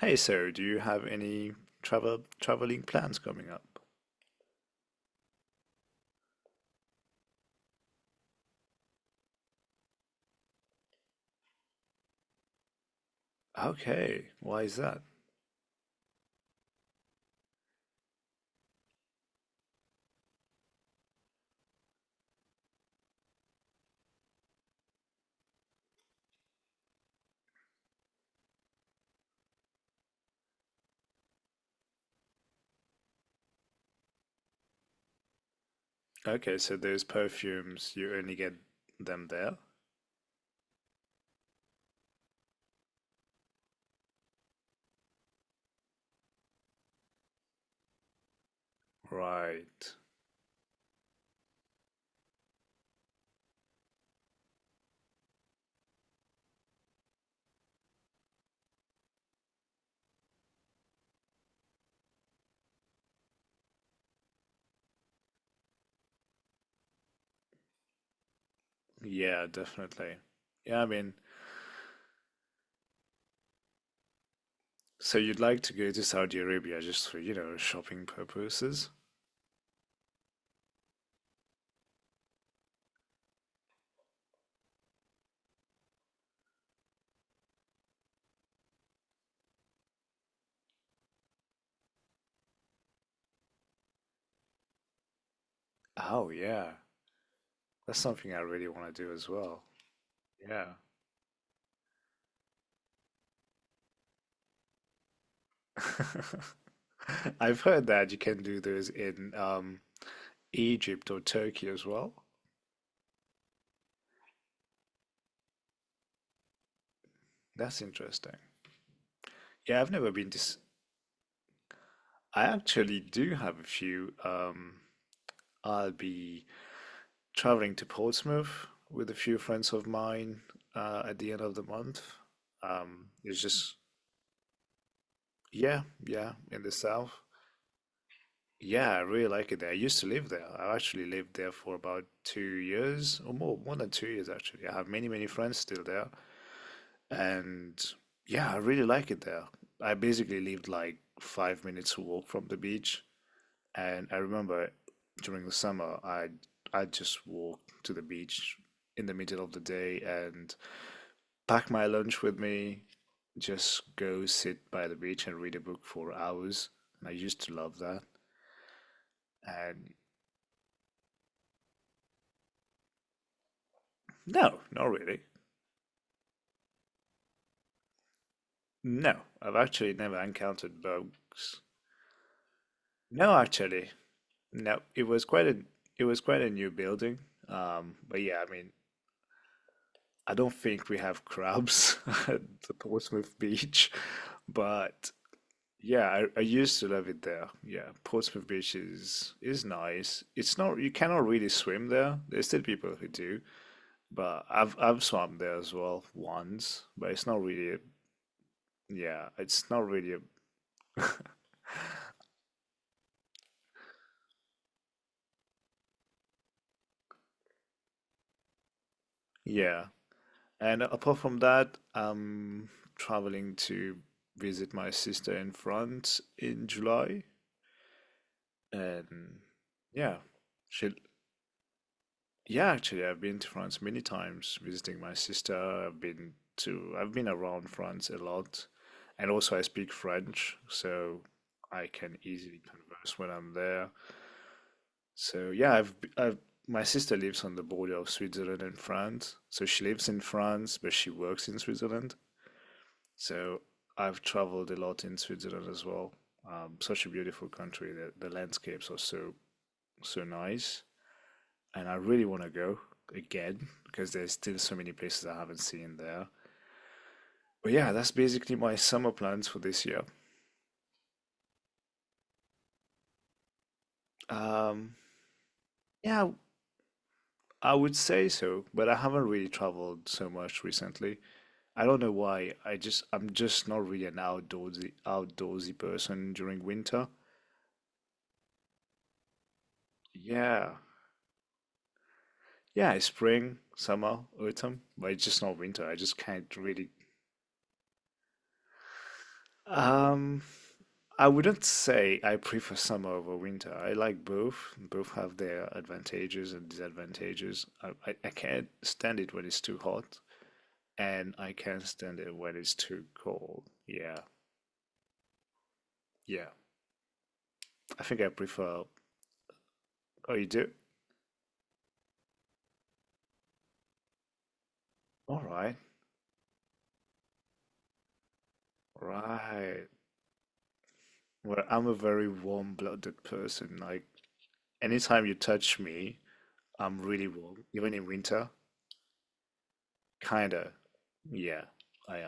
Hey, so do you have any traveling plans coming up? Okay, why is that? Okay, so those perfumes, you only get them there? Right. Yeah, definitely. Yeah, I mean, so you'd like to go to Saudi Arabia just for, you know, shopping purposes? Oh, yeah. That's something I really want to do as well. Yeah. I've heard that you can do those in Egypt or Turkey as well. That's interesting. Yeah, I've never been to. S- I actually do have a few. I'll be traveling to Portsmouth with a few friends of mine at the end of the month. Um, it's just, yeah, yeah, in the south. Yeah, I really like it there. I used to live there. I actually lived there for about 2 years or more, more than 2 years actually. I have many, many friends still there. And yeah, I really like it there. I basically lived like 5 minutes walk from the beach. And I remember during the summer, I just walk to the beach in the middle of the day and pack my lunch with me, just go sit by the beach and read a book for hours. And I used to love that. And no, not really. No, I've actually never encountered bugs. No, actually, no. It was quite a it was quite a new building. But yeah, I mean, I don't think we have crabs at the Portsmouth beach, but yeah, I used to love it there. Yeah, Portsmouth Beach is nice. It's not you cannot really swim there. There's still people who do, but I've swum there as well once, but it's not really a- yeah, it's not really a, yeah. And apart from that, I'm traveling to visit my sister in France in July, and yeah, she'll. Yeah, actually, I've been to France many times visiting my sister. I've been around France a lot. And also, I speak French, so I can easily converse when I'm there. So, yeah, my sister lives on the border of Switzerland and France. So, she lives in France, but she works in Switzerland. So, I've traveled a lot in Switzerland as well. Such a beautiful country. The landscapes are so, so nice and I really want to go again because there's still so many places I haven't seen there. But yeah, that's basically my summer plans for this year. Um, yeah, I would say so, but I haven't really traveled so much recently. I don't know why. I'm just not really an outdoorsy person during winter. Yeah. Yeah, spring, summer, autumn, but it's just not winter. I just can't really. Um, I wouldn't say I prefer summer over winter. I like both. Both have their advantages and disadvantages. I can't stand it when it's too hot, and I can't stand it when it's too cold. Yeah, yeah. I think I prefer. Oh, you do? All right, right. Well, I'm a very warm-blooded person. Like, anytime you touch me, I'm really warm, even in winter. Kinda. Yeah, I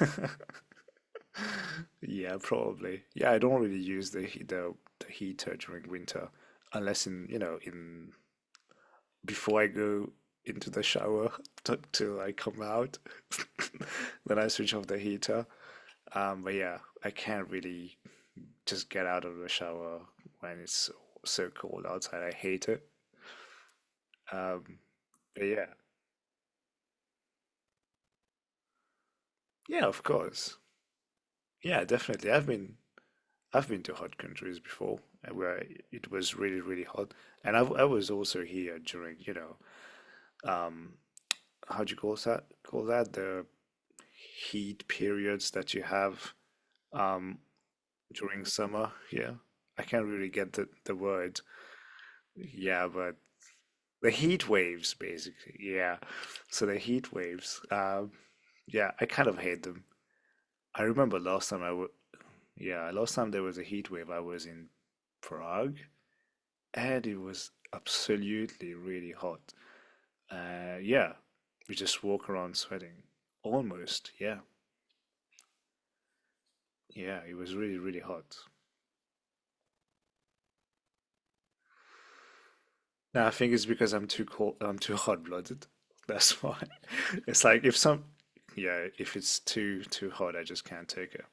am. Yeah, probably. Yeah, I don't really use the heater during winter unless in, you know, in before I go into the shower t till I come out. Then I switch off the heater. But yeah, I can't really just get out of the shower when it's so, so cold outside. I hate it. Um, but yeah. Yeah, of course. Yeah, definitely. I've been to hot countries before where it was really, really hot, and I was also here during, you know, um, how do you call that? Call that the heat periods that you have um, during summer. Yeah, I can't really get the word. Yeah, but the heat waves, basically. Yeah, so the heat waves. Yeah, I kind of hate them. I remember last time I w yeah, last time there was a heat wave, I was in Prague and it was absolutely really hot. Yeah, we just walk around sweating. Almost, yeah, yeah. It was really, really hot. Now I think it's because I'm too cold. I'm too hot-blooded. That's why. It's like if some, yeah, if it's too hot, I just can't take it.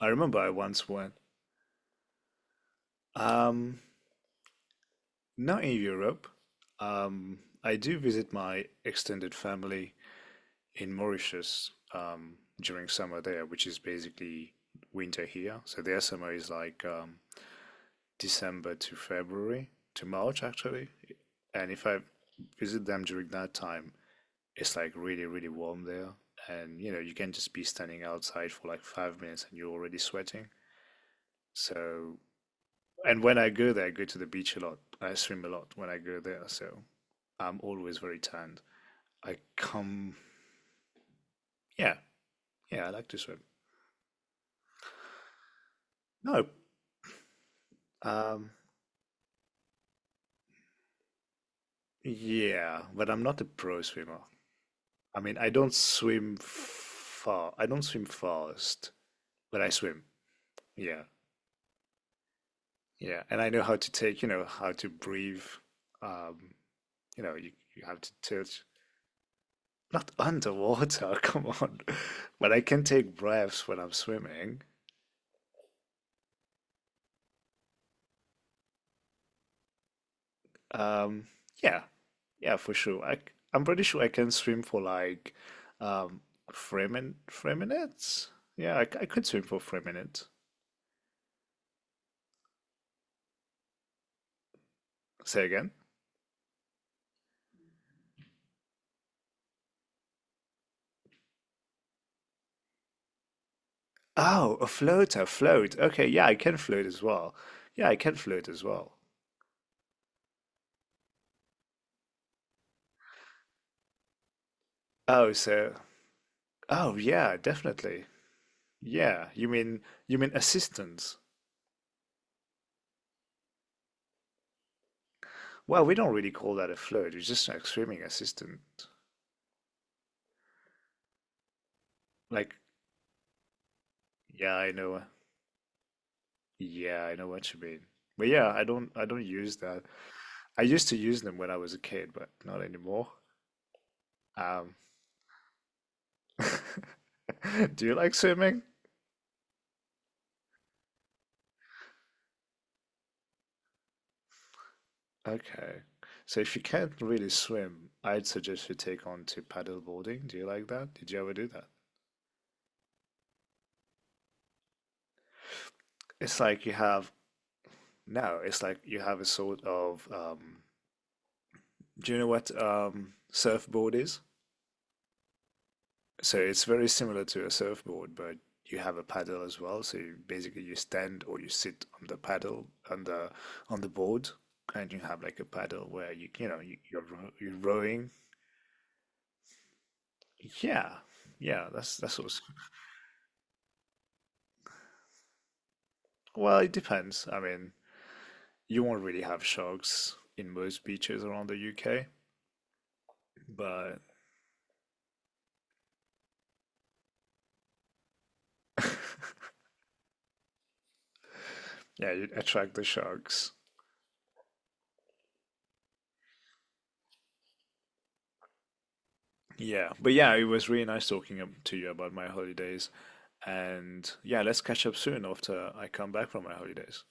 I remember I once went. Um, not in Europe. I do visit my extended family in Mauritius during summer there, which is basically winter here. So their summer is like December to February to March actually. And if I visit them during that time, it's like really, really warm there. And you know, you can just be standing outside for like 5 minutes and you're already sweating. So, and when I go there, I go to the beach a lot. I swim a lot when I go there. So I'm always very tanned. I come, yeah, yeah, I like to swim. No, um, yeah, but I'm not a pro swimmer. I mean, I don't swim far. I don't swim fast, but I swim. Yeah, yeah, and I know how to take, you know, how to breathe. Um, you know, you have to tilt. Not underwater, come on. But I can take breaths when I'm swimming. Um, yeah, yeah, for sure. I am pretty sure I can swim for like um, 3 minutes. Yeah, I could swim for 3 minutes. Say again. Oh, a float. Okay, yeah, I can float as well. Yeah, I can float as well. Oh, so, oh yeah, definitely. Yeah, you mean assistance? Well, we don't really call that a float. It's just like swimming assistant. Like, yeah, I know. Yeah, I know what you mean. But yeah, I don't use that. I used to use them when I was a kid, but not anymore. Um, do you like swimming? Okay. So if you can't really swim, I'd suggest you take on to paddleboarding. Do you like that? Did you ever do that? It's like you have no, it's like you have a sort of do you know what surfboard is? So it's very similar to a surfboard, but you have a paddle as well. So you, basically you stand or you sit on the paddle on the board and you have like a paddle where you know you're you're rowing. Yeah. Yeah, that's what's well, it depends. I mean, you won't really have sharks in most beaches around the UK, but yeah, you attract the sharks. Yeah, but yeah, it was really nice talking to you about my holidays. And yeah, let's catch up soon after I come back from my holidays.